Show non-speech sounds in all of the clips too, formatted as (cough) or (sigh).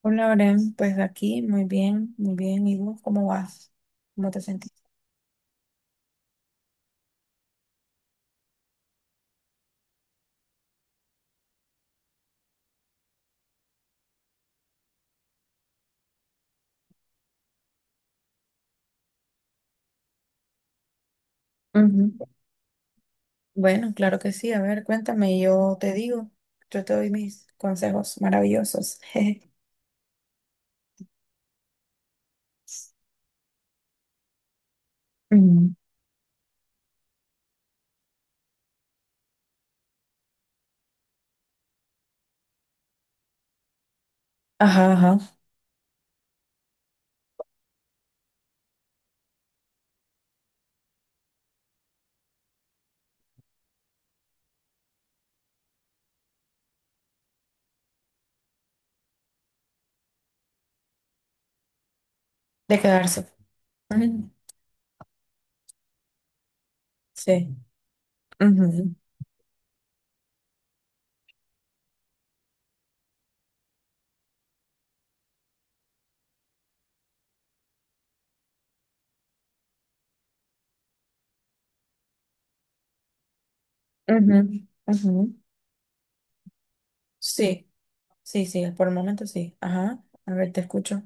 Hola, Oren, pues aquí, muy bien, muy bien. ¿Y vos cómo vas? ¿Cómo te sentís? Ujú. Bueno, claro que sí. A ver, cuéntame, yo te digo, yo te doy mis consejos maravillosos. (laughs) Mm. Ajá, ajá, de quedarse. Ujú. Sí. Ujú, ujú, ujú. Sí, sí, sí, por el momento sí. Ajá, a ver, te escucho.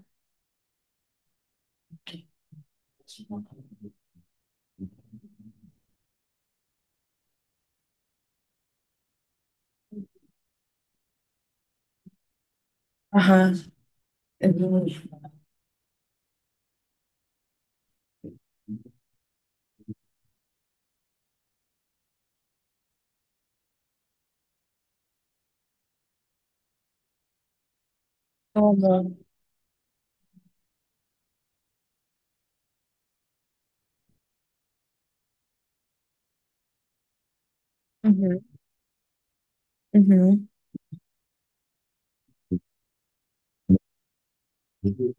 Ajá, ujú, como, ujú, ujú.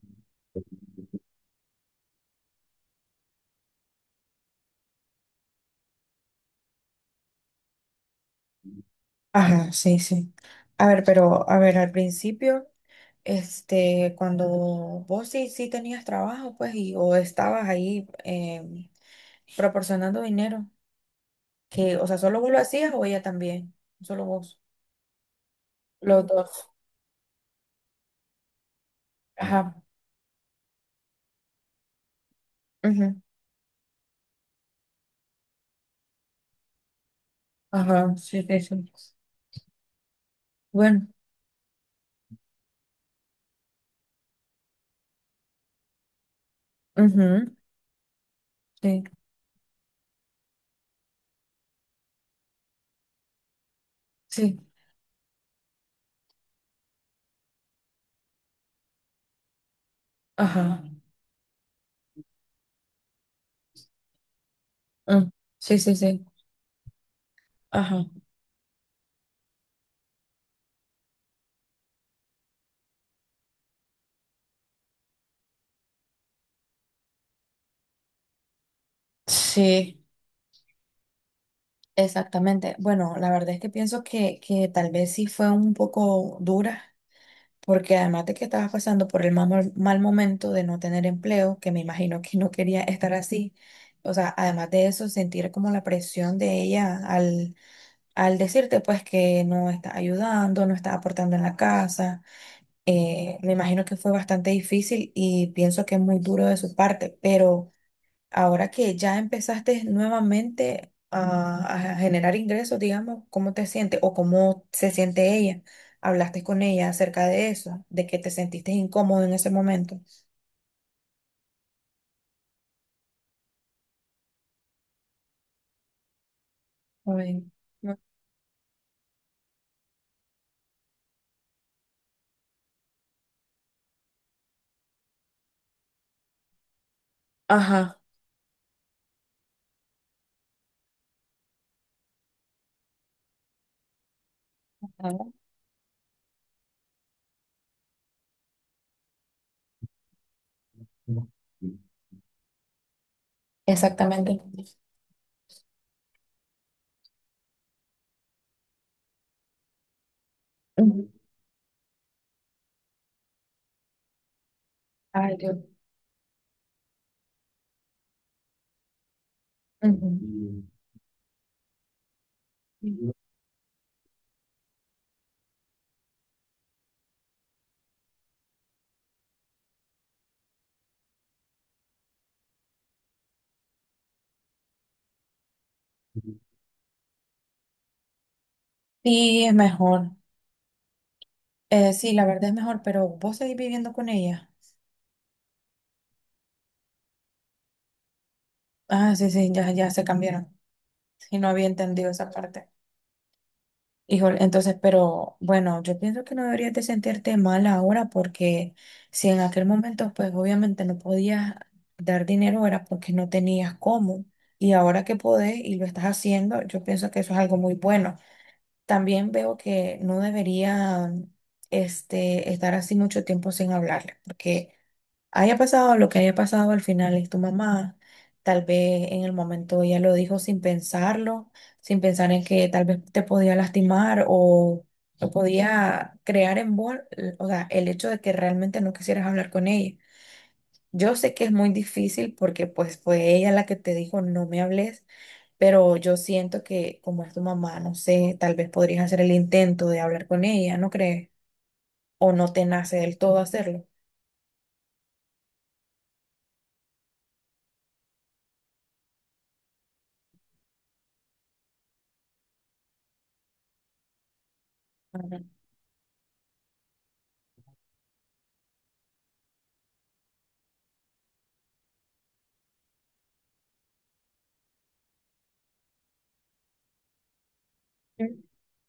Ajá, sí, sí. A ver, pero a ver, al principio, este, cuando vos sí, sí tenías trabajo, pues, y o estabas ahí proporcionando dinero, que, o sea, ¿solo vos lo hacías o ella también? Solo vos. Los dos. Ajá. Ujú. Ajá, sí, sí, sí. Bueno, ujú, sí, sí. Ajá. mm, sí, sí, sí. Ajá. Sí, exactamente. Bueno, la verdad es que pienso que tal vez sí fue un poco dura. Porque además de que estabas pasando por el mal, mal momento de no tener empleo, que me imagino que no quería estar así, o sea, además de eso, sentir como la presión de ella al, al decirte pues que no está ayudando, no está aportando en la casa, me imagino que fue bastante difícil y pienso que es muy duro de su parte, pero... Ahora que ya empezaste nuevamente a generar ingresos, digamos, ¿cómo te sientes o cómo se siente ella? ¿Hablaste con ella acerca de eso, de que te sentiste incómodo en ese momento? Ay, no. Ajá. Ah, exactamente. Ujú. Ay, Dios. Ujú. Sí, es mejor. Sí, la verdad es mejor, pero vos seguís viviendo con ella. Ah, sí, sí, ya, ya se cambiaron. Sí, no había entendido esa parte. Híjole, entonces, pero bueno, yo pienso que no deberías de sentirte mal ahora porque si en aquel momento, pues obviamente no podías dar dinero era porque no tenías cómo. Y ahora que podés y lo estás haciendo, yo pienso que eso es algo muy bueno. También veo que no debería este, estar así mucho tiempo sin hablarle, porque haya pasado lo que haya pasado, al final es tu mamá. Tal vez en el momento ella lo dijo sin pensarlo, sin pensar en que tal vez te podía lastimar o podía crear en vos, o sea, el hecho de que realmente no quisieras hablar con ella. Yo sé que es muy difícil porque pues fue ella la que te dijo no me hables, pero yo siento que como es tu mamá, no sé, tal vez podrías hacer el intento de hablar con ella, ¿no crees? O no te nace del todo hacerlo.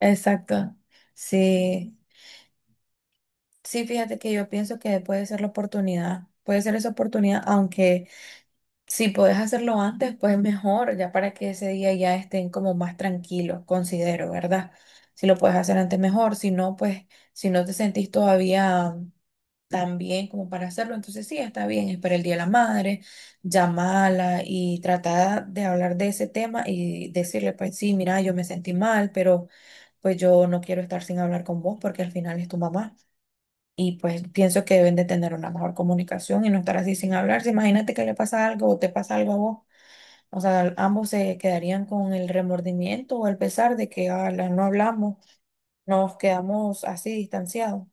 Exacto. Sí, sí, fíjate que yo pienso que puede ser la oportunidad, puede ser esa oportunidad, aunque si puedes hacerlo antes, pues mejor, ya para que ese día ya estén como más tranquilos, considero, ¿verdad? Si lo puedes hacer antes, mejor, si no, pues si no te sentís todavía tan bien como para hacerlo, entonces sí, está bien, espera el Día de la Madre, llamala y trata de hablar de ese tema y decirle, pues sí, mira, yo me sentí mal, pero pues yo no quiero estar sin hablar con vos porque al final es tu mamá. Y pues pienso que deben de tener una mejor comunicación y no estar así sin hablarse. Imagínate que le pasa algo o te pasa algo a vos. O sea, ambos se quedarían con el remordimiento o el pesar de que "Ala, no hablamos, nos quedamos así distanciados".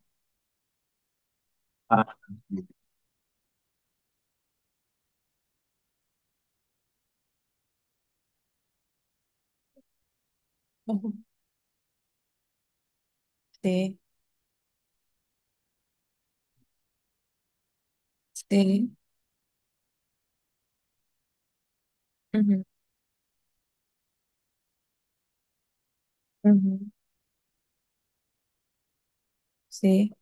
Ujú. Sí, sí, ujú, ujú. Sí,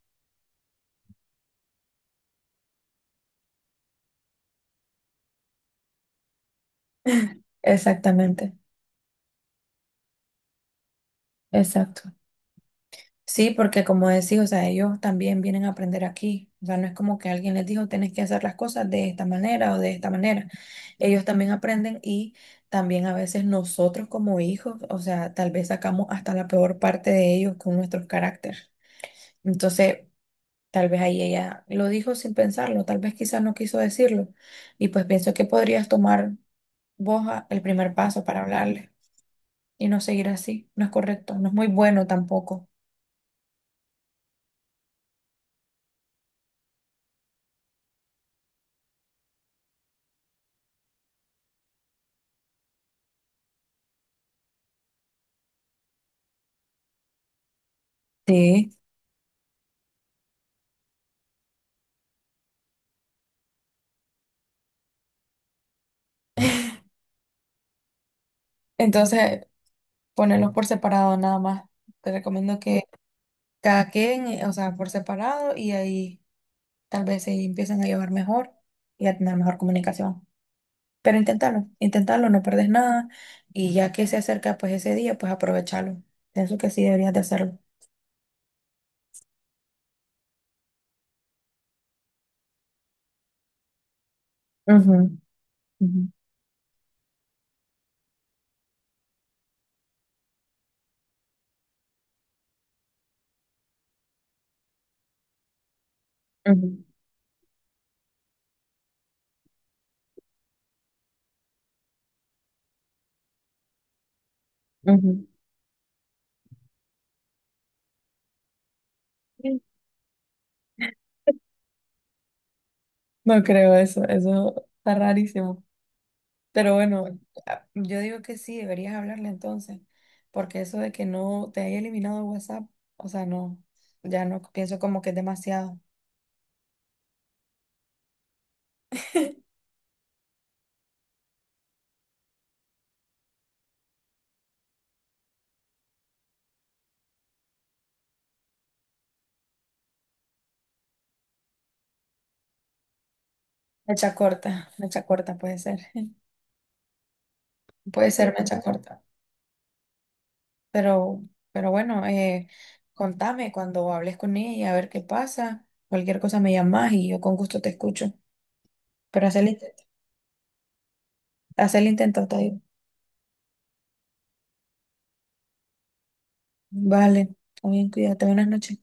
exactamente, exacto. Sí, porque como decía, o sea, ellos también vienen a aprender aquí. O sea, no es como que alguien les dijo, tenés que hacer las cosas de esta manera o de esta manera. Ellos también aprenden y también a veces nosotros como hijos, o sea, tal vez sacamos hasta la peor parte de ellos con nuestros caracteres. Entonces, tal vez ahí ella lo dijo sin pensarlo, tal vez quizás no quiso decirlo. Y pues pienso que podrías tomar vos a- el primer paso para hablarle y no seguir así. No es correcto, no es muy bueno tampoco. Sí. Entonces, ponerlos por separado nada más. Te recomiendo que cada queden, o sea, por separado y ahí tal vez se empiezan a llevar mejor y a tener mejor comunicación. Pero inténtalo, inténtalo, no perdés nada y ya que se acerca pues ese día, pues aprovechalo. Pienso que sí deberías de hacerlo. Ujú, ujú, ujú, ujú. No creo eso, eso está rarísimo. Pero bueno, a- yo digo que sí, deberías hablarle entonces, porque eso de que no te haya eliminado WhatsApp, o sea, no, ya no pienso como que es demasiado. Mecha corta, (laughs) mecha corta puede ser, (laughs) puede ser mecha corta. Pero, pero bueno, contame cuando hables con ella, a ver qué pasa. Cualquier cosa me llamas y yo con gusto te escucho. Pero haz el intento, te digo. Vale, está bien, cuídate, buenas noches.